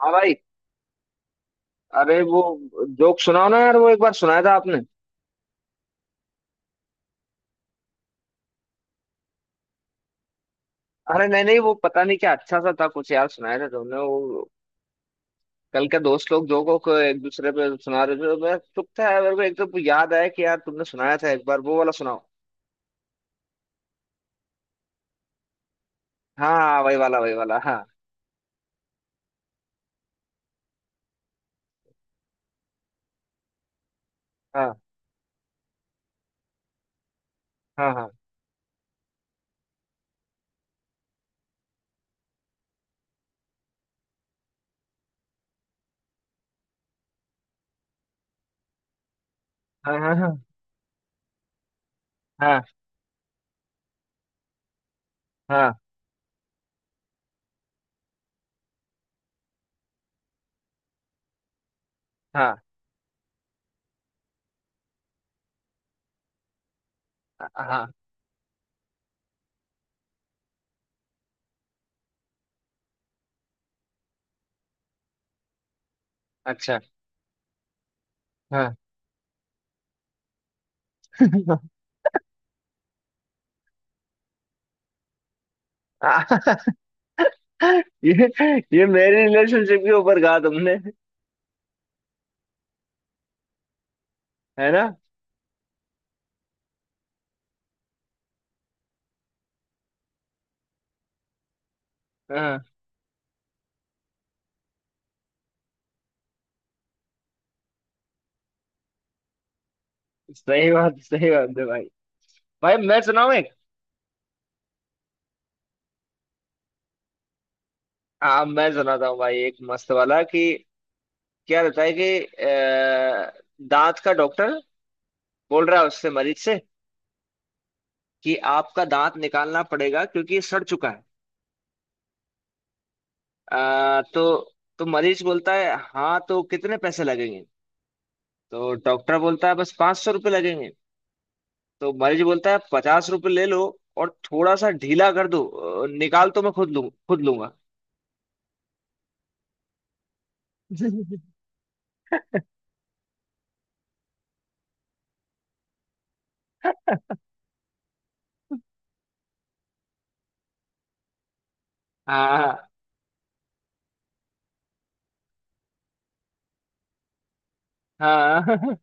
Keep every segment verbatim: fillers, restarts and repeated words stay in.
हाँ भाई। अरे वो, जोक सुनाओ ना यार, वो एक बार सुनाया था आपने। अरे नहीं नहीं, वो पता नहीं क्या अच्छा सा था कुछ यार, सुनाया था तुमने वो। कल के दोस्त लोग जोकों को एक दूसरे पे सुना रहे थे तो मैं चुप था यार, मेरे को एकदम याद आया कि यार तुमने सुनाया था एक बार, वो वाला सुनाओ। हाँ हाँ हाँ, वही वाला वही वाला हाँ हाँ हाँ हाँ। हाँ हाँ हाँ हाँ हाँ हाँ हाँ, अच्छा। हाँ। ये ये मेरी रिलेशनशिप के ऊपर कहा तुमने, है ना। हाँ। सही बात, सही बात है भाई। भाई मैं सुनाऊँ एक? हाँ मैं सुनाता हूँ भाई, एक मस्त वाला। कि क्या रहता है कि अ, दांत का डॉक्टर बोल रहा है उससे, मरीज से, कि आपका दांत निकालना पड़ेगा क्योंकि ये सड़ चुका है। अ, तो तो मरीज बोलता है, हाँ तो कितने पैसे लगेंगे। तो डॉक्टर बोलता है बस पाँच सौ रुपये लगेंगे। तो मरीज बोलता है पचास रुपये ले लो और थोड़ा सा ढीला कर दो। अ, निकाल तो मैं खुद लूँ, खुद लूंगा। हाँ हाँ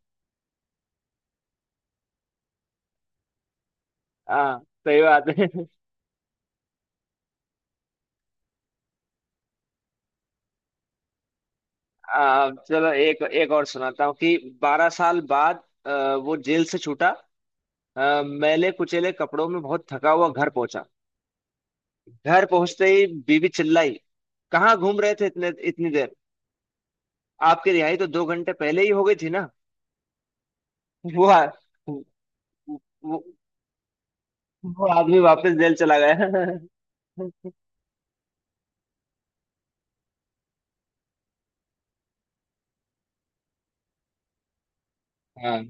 हाँ, सही बात है। आ, चलो एक एक और सुनाता हूँ। कि बारह साल बाद आ, वो जेल से छूटा, आ, मैले कुचेले कपड़ों में बहुत थका हुआ घर पहुंचा। घर पहुंचते ही बीवी चिल्लाई, कहाँ घूम रहे थे इतने इतनी देर। आपकी रिहाई तो दो घंटे पहले ही हो गई थी ना। वो आ, वो, वो वो आदमी वापस जेल चला गया। हाँ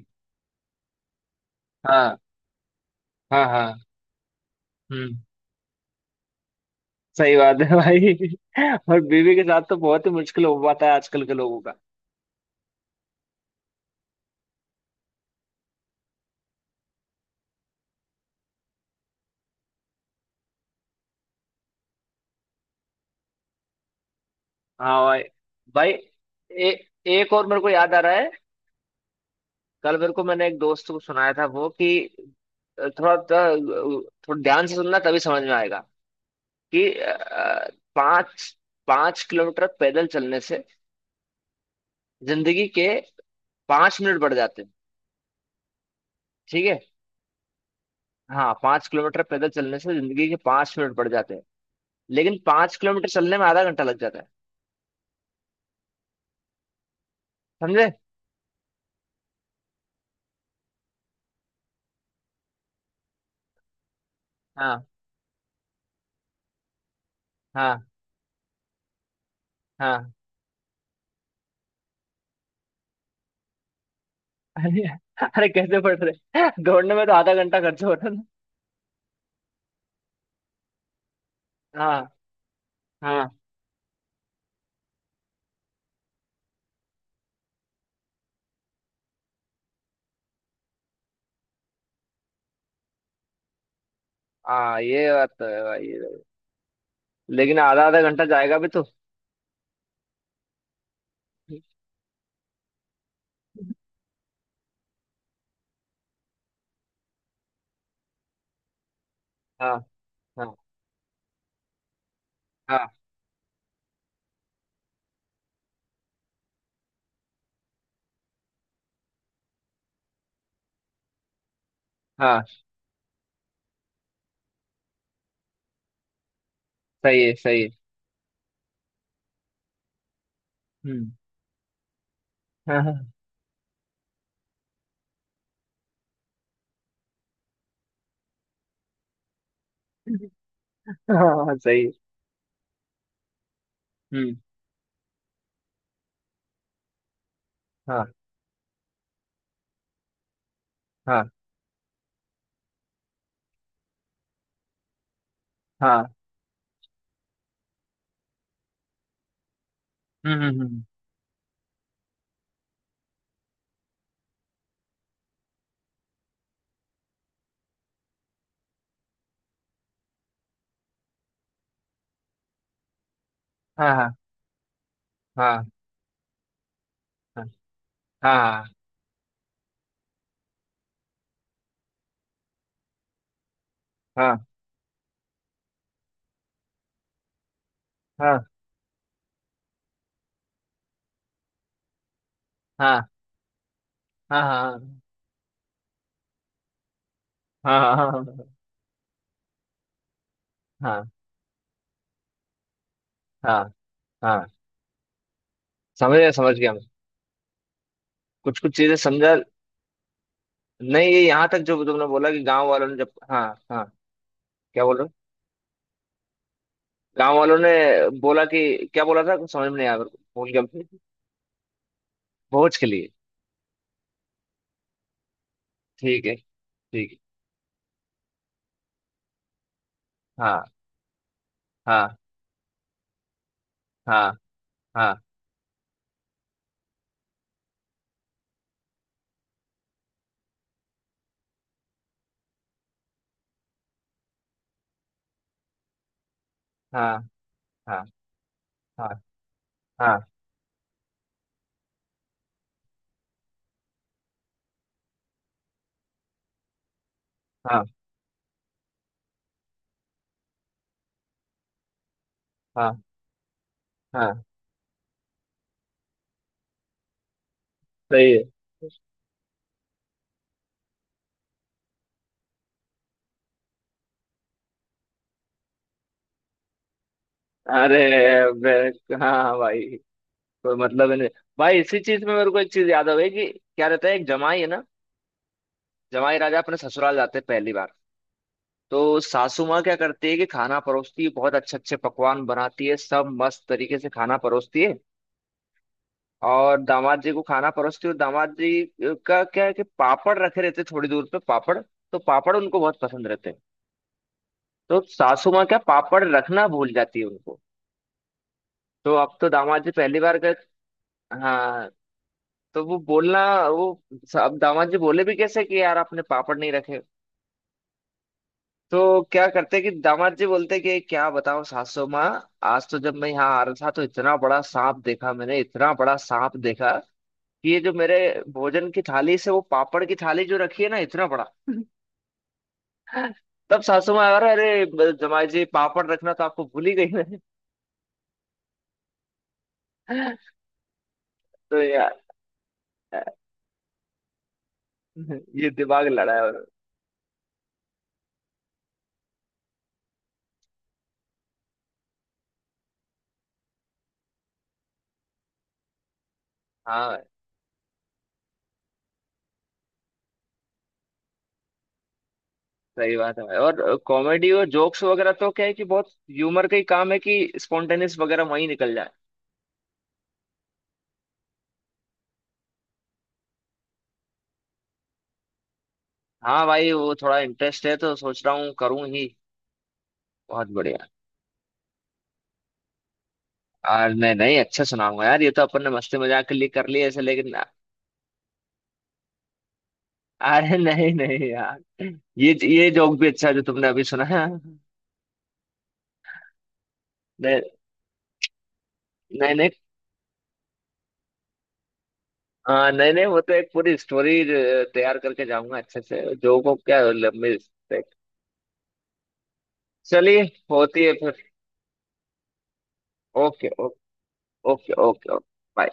हाँ हाँ हाँ। हम्म। सही बात है भाई। और बीवी के साथ तो बहुत ही मुश्किल हो पाता है आजकल के लोगों। हाँ भाई। भाई ए, एक और मेरे को याद आ रहा है। कल मेरे को मैंने एक दोस्त को सुनाया था वो। कि थोड़ा थोड़ा थोड़ा ध्यान से सुनना तभी समझ में आएगा। कि अ, पाँच पाँच किलोमीटर पैदल चलने से जिंदगी के पाँच मिनट बढ़ जाते हैं। ठीक है। हाँ पाँच किलोमीटर पैदल चलने से जिंदगी के पाँच मिनट बढ़ जाते हैं। लेकिन पाँच किलोमीटर चलने में आधा घंटा लग जाता है, समझे? हाँ हाँ हाँ। अरे, अरे कैसे पढ़ रहे दौड़ने में तो आधा घंटा खर्च होता है ना। हाँ हाँ हाँ, ये बात तो है भाई, ये बात। लेकिन आधा आधा घंटा जाएगा भी तो। हाँ हाँ हाँ हाँ। सही है, सही है। हम्म। हाँ हाँ हाँ, सही है। हम्म। हाँ हाँ हाँ। हम्म हम्म हम्म, हाँ हाँ हाँ हाँ हाँ हाँ हाँ हाँ हाँ हाँ हाँ हाँ हाँ हाँ हाँ, हाँ, समझ गया समझ गया मैं। कुछ कुछ चीजें समझा। नहीं, ये यहाँ तक जो तुमने बोला कि गांव वालों ने जब हाँ, हाँ। क्या बोल रहे हो? गांव वालों ने बोला कि क्या बोला था, कुछ समझ में नहीं आया मेरे को, भूल गया। भोज के लिए? ठीक है। ठीक है। हाँ हाँ हाँ हाँ हाँ हाँ हाँ हाँ हाँ हाँ हाँ। सही है। अरे बे- हाँ भाई, कोई मतलब ही नहीं। भाई इसी चीज में मेरे को एक चीज याद आ गई, कि क्या रहता है, एक जमाई है ना, जमाई राजा अपने ससुराल जाते हैं पहली बार। तो सासू माँ क्या करती है कि खाना परोसती है, बहुत अच्छे अच्छे पकवान बनाती है, सब मस्त तरीके से खाना परोसती है। और दामाद जी को खाना परोसती हूँ, दामाद जी का क्या है कि पापड़ रखे रहते थोड़ी दूर पे, पापड़ तो पापड़ उनको बहुत पसंद रहते हैं। तो सासू माँ क्या, पापड़ रखना भूल जाती है उनको। तो अब तो दामाद जी पहली बार गए। हाँ। तो वो बोलना वो अब दामाद जी बोले भी कैसे कि यार आपने पापड़ नहीं रखे। तो क्या करते कि दामाद जी बोलते कि क्या बताओ सासू माँ, आज तो जब मैं यहाँ आ रहा था तो इतना बड़ा सांप देखा मैंने, इतना बड़ा सांप देखा, कि ये जो मेरे भोजन की थाली से वो पापड़ की थाली जो रखी है ना, इतना बड़ा। तब सासू माँ, और अरे ब- जमाई जी पापड़ रखना तो आपको भूल ही गई मैं। तो यार ये दिमाग लड़ा है और। हाँ सही बात है भाई। और कॉमेडी और जोक्स वगैरह तो क्या है कि बहुत ह्यूमर का ही काम है कि स्पॉन्टेनियस वगैरह वहीं निकल जाए। हाँ भाई, वो थोड़ा इंटरेस्ट है तो सोच रहा हूँ करूँ ही। बहुत बढ़िया। और नहीं नहीं, अच्छा सुनाऊंगा यार, ये तो अपन ने मस्ती मजाक के लिए कर लिया ऐसे, लेकिन। अरे नहीं नहीं यार, ये ये जोक भी अच्छा है जो तुमने अभी सुना है। नहीं नहीं नहीं। हाँ नहीं नहीं, वो तो एक पूरी स्टोरी तैयार करके जाऊंगा अच्छे से, जो को क्या लंबी। चलिए होती है फिर। Okay okay okay okay okay.